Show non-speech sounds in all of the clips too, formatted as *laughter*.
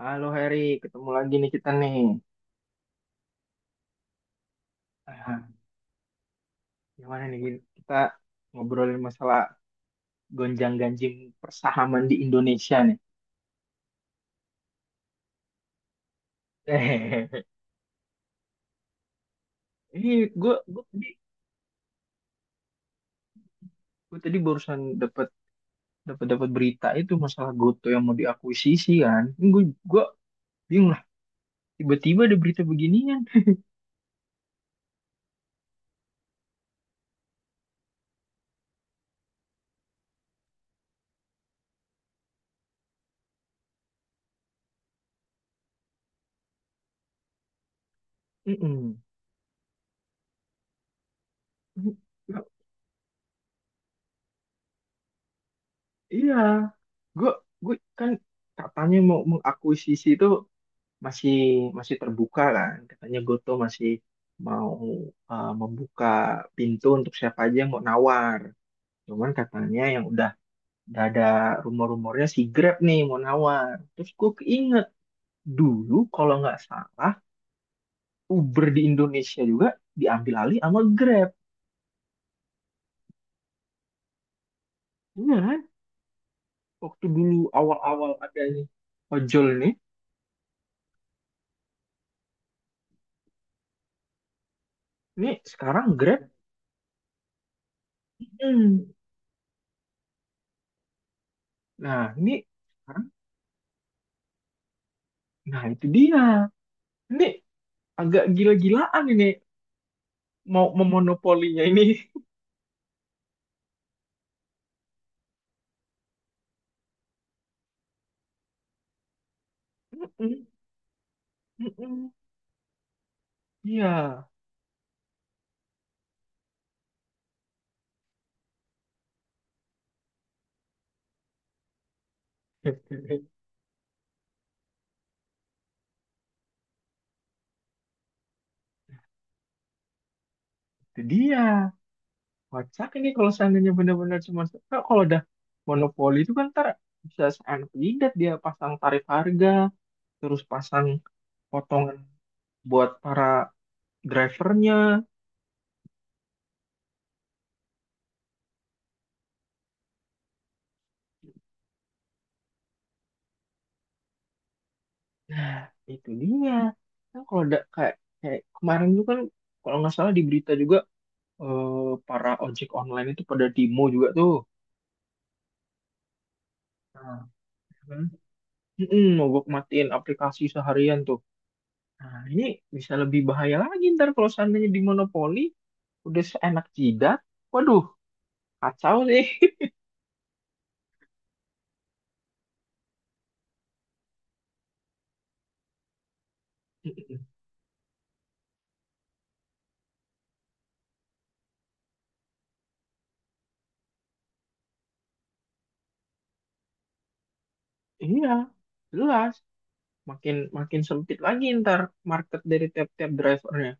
Halo Heri, ketemu lagi nih kita nih. Ah, gimana nih Gin? Kita ngobrolin masalah gonjang-ganjing persahaman di Indonesia nih. *laughs* Hehehe. Ini gue gue tadi gue tadi barusan dapat dapat dapat berita itu masalah GoTo yang mau diakuisisi kan. Gue gue bingung lah. Tiba-tiba ada berita beginian. Mm-mm. Iya, gue gue kan, katanya mau mengakuisisi itu masih masih terbuka kan. Katanya Goto masih mau membuka pintu untuk siapa aja yang mau nawar. Cuman katanya yang udah ada rumor-rumornya, si Grab nih mau nawar. Terus gue keinget, dulu kalau nggak salah Uber di Indonesia juga diambil alih sama Grab. Iya kan, waktu dulu awal-awal adanya ojol nih, ini sekarang Grab. hmm. Nah, ini sekarang. Nah, itu dia, ini agak gila-gilaan ini, mau memonopolinya ini. *laughs* Iya. *laughs* Itu dia. Kocak ini kalau seandainya benar-benar cuma. Nah, kalau udah monopoli itu kan ntar bisa seanak jidat dia pasang tarif harga, terus pasang potongan buat para drivernya. Nah, itu dia. Kan kalau udah kayak kayak kemarin itu kan, kalau nggak salah di berita juga eh, para ojek online itu pada demo juga tuh. Nah, kan? Mm-mm, mogok matiin aplikasi seharian tuh. Nah, ini bisa lebih bahaya lagi ntar kalau seandainya di monopoli, udah seenak jidat. Waduh, kacau sih. *laughs* Mm-mm. Iya, jelas. Makin makin sempit lagi ntar market dari tiap-tiap drivernya.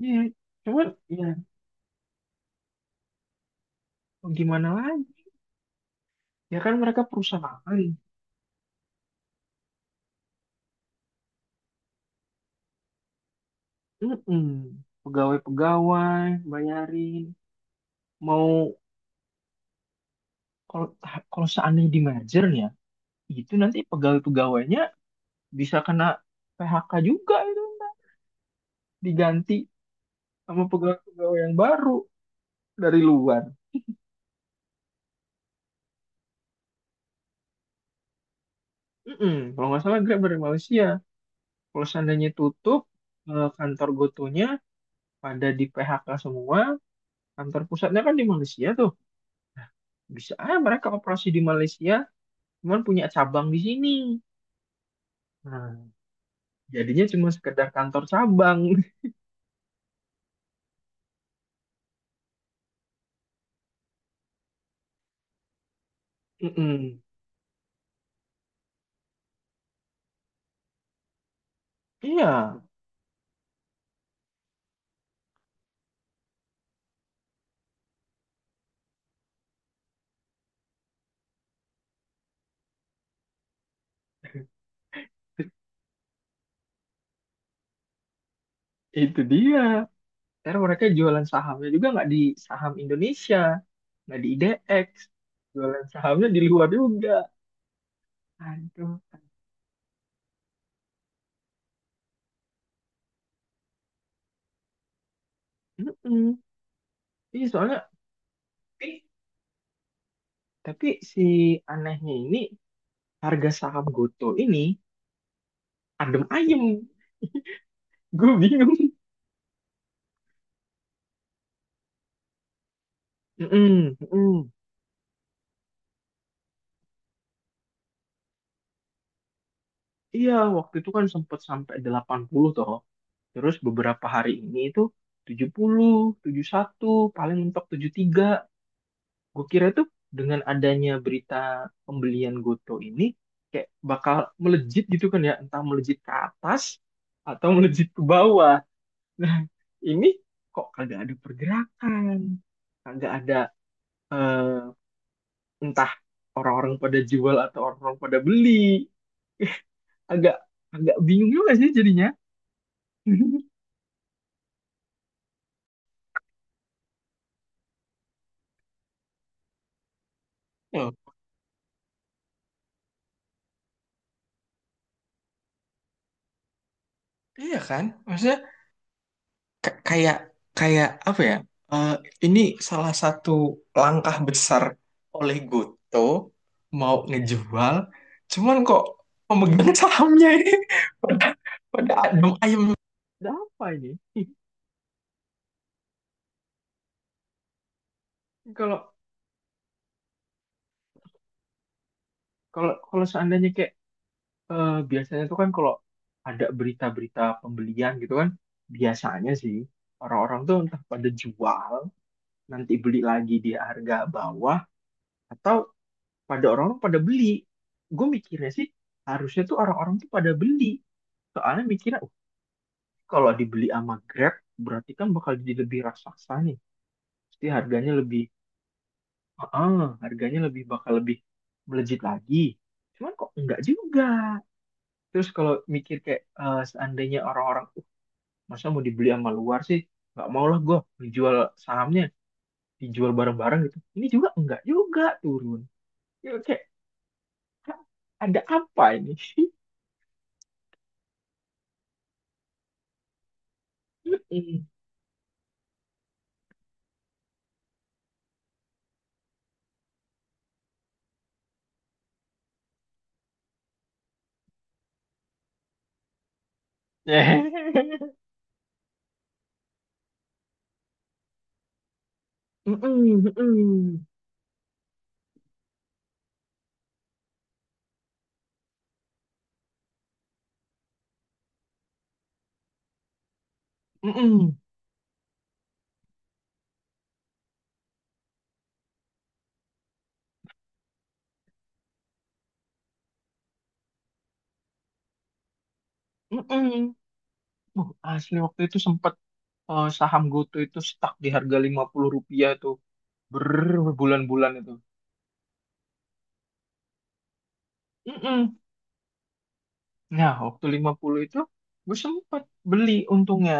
Iya, cuman ya mau gimana lagi? Ya kan mereka perusahaan. Mm-mm. Pegawai-pegawai, bayarin. Mau kalau kalau seandainya di merger ya, itu nanti pegawai-pegawainya bisa kena PHK juga, itu diganti sama pegawai-pegawai yang baru dari luar. Mm-mm. Kalau nggak salah Grab dari Malaysia. Kalau seandainya tutup kantor Gotonya pada di PHK semua, kantor pusatnya kan di Malaysia tuh. Bisa aja mereka operasi di Malaysia, cuman punya cabang di sini. Nah, jadinya cuma sekedar kantor cabang. *laughs* Mm-mm. Iya, itu dia. Karena mereka jualan sahamnya juga nggak di saham Indonesia, nggak di IDX, jualan sahamnya di luar juga. Aduh, mm Ini soalnya, eh, tapi si anehnya ini, harga saham Goto ini adem ayem, gue bingung. Mm-mm, mm-mm. Iya, waktu itu kan sempat sampai 80 toh. Terus beberapa hari ini itu 70, satu, paling mentok 73. Gue kira tuh dengan adanya berita pembelian Goto ini kayak bakal melejit gitu kan ya, entah melejit ke atas atau *laughs* melejit ke bawah. Nah, ini kok kagak ada pergerakan, kagak ada eh, entah orang-orang pada jual atau orang-orang pada beli. Agak agak bingung juga sih jadinya. *laughs* Loh, iya kan? Maksudnya K- kayak kayak apa ya? Eh, ini salah satu langkah besar oleh Goto mau ngejual, cuman kok pemegang sahamnya ini *laughs* pada pada adem ayem. Ada apa ini? Kalau kalau kalau seandainya kayak, biasanya tuh kan kalau ada berita-berita pembelian gitu kan, biasanya sih orang-orang tuh entah pada jual, nanti beli lagi di harga bawah, atau orang-orang pada beli. Gue mikirnya sih harusnya tuh orang-orang tuh pada beli, soalnya mikirnya oh, kalau dibeli sama Grab berarti kan bakal jadi lebih raksasa nih, pasti harganya lebih. Heeh, harganya lebih, bakal lebih melejit lagi, cuman kok enggak juga. Terus kalau mikir kayak seandainya orang-orang, masa mau dibeli sama luar sih, nggak mau lah gue, dijual sahamnya, dijual bareng-bareng gitu, ini juga enggak juga turun, ya kayak, "Hah, ada apa ini?" *laughs* *laughs* Mm-mm, mm-mm, mm-mm, mm-mm. Asli waktu itu sempat saham GoTo itu stuck di harga 50 rupiah tuh berbulan-bulan itu. Mm-mm. Nah, waktu 50 itu gue sempat beli, untungnya.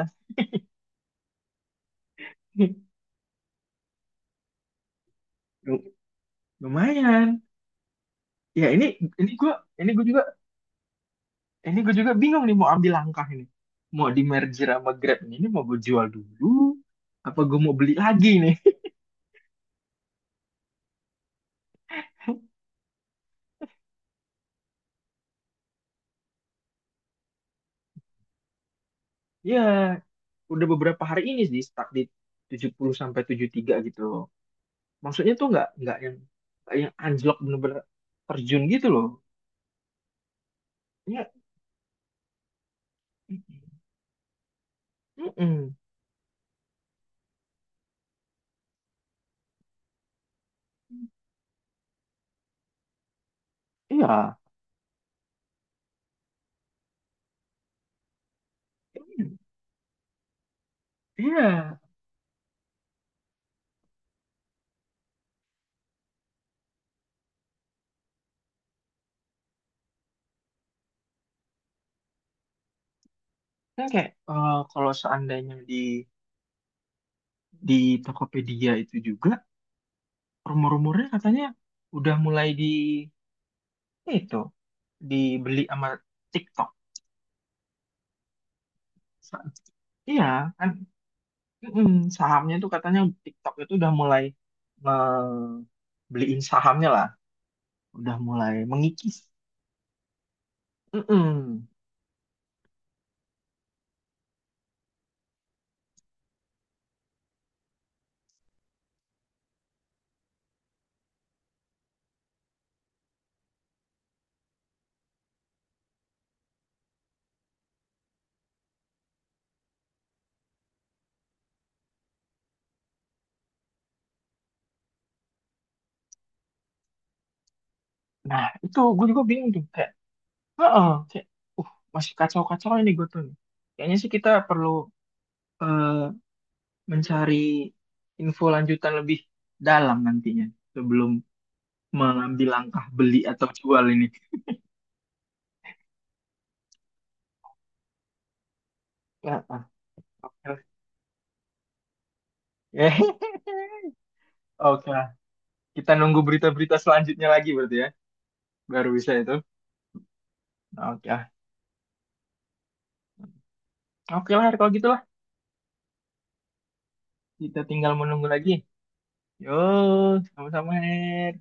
*laughs* Lu- Lumayan. Ya, ini gue, ini gue juga ini gue juga bingung nih mau ambil langkah ini. Mau di merger sama Grab ini mau gue jual dulu apa gue mau beli lagi nih? *laughs* Ya, udah beberapa hari ini sih stuck di 70 sampai 73 gitu loh. Maksudnya tuh, nggak yang anjlok bener-bener terjun gitu loh. Iya, mm-mm. Iya, mm. Iya. Kan kayak kalau seandainya di Tokopedia itu juga, rumor-rumornya katanya udah mulai di itu dibeli sama TikTok. Sa- Iya, kan. Mm sahamnya tuh katanya TikTok itu udah mulai nge- beliin sahamnya lah, udah mulai mengikis. Mm-mm. Nah, itu gue juga bingung tuh. Kayak, heeh, kayak, masih kacau-kacau ini gue tuh. Kayaknya sih kita perlu eh, mencari info lanjutan lebih dalam nantinya sebelum mengambil langkah beli atau jual ini. Heeh. Oke. *laughs* Oke lah. Kita nunggu berita-berita selanjutnya lagi berarti ya. Baru bisa itu. Oke lah. Oke lah, Her, kalau gitu lah. Kita tinggal menunggu lagi. Yo, sama-sama, Her.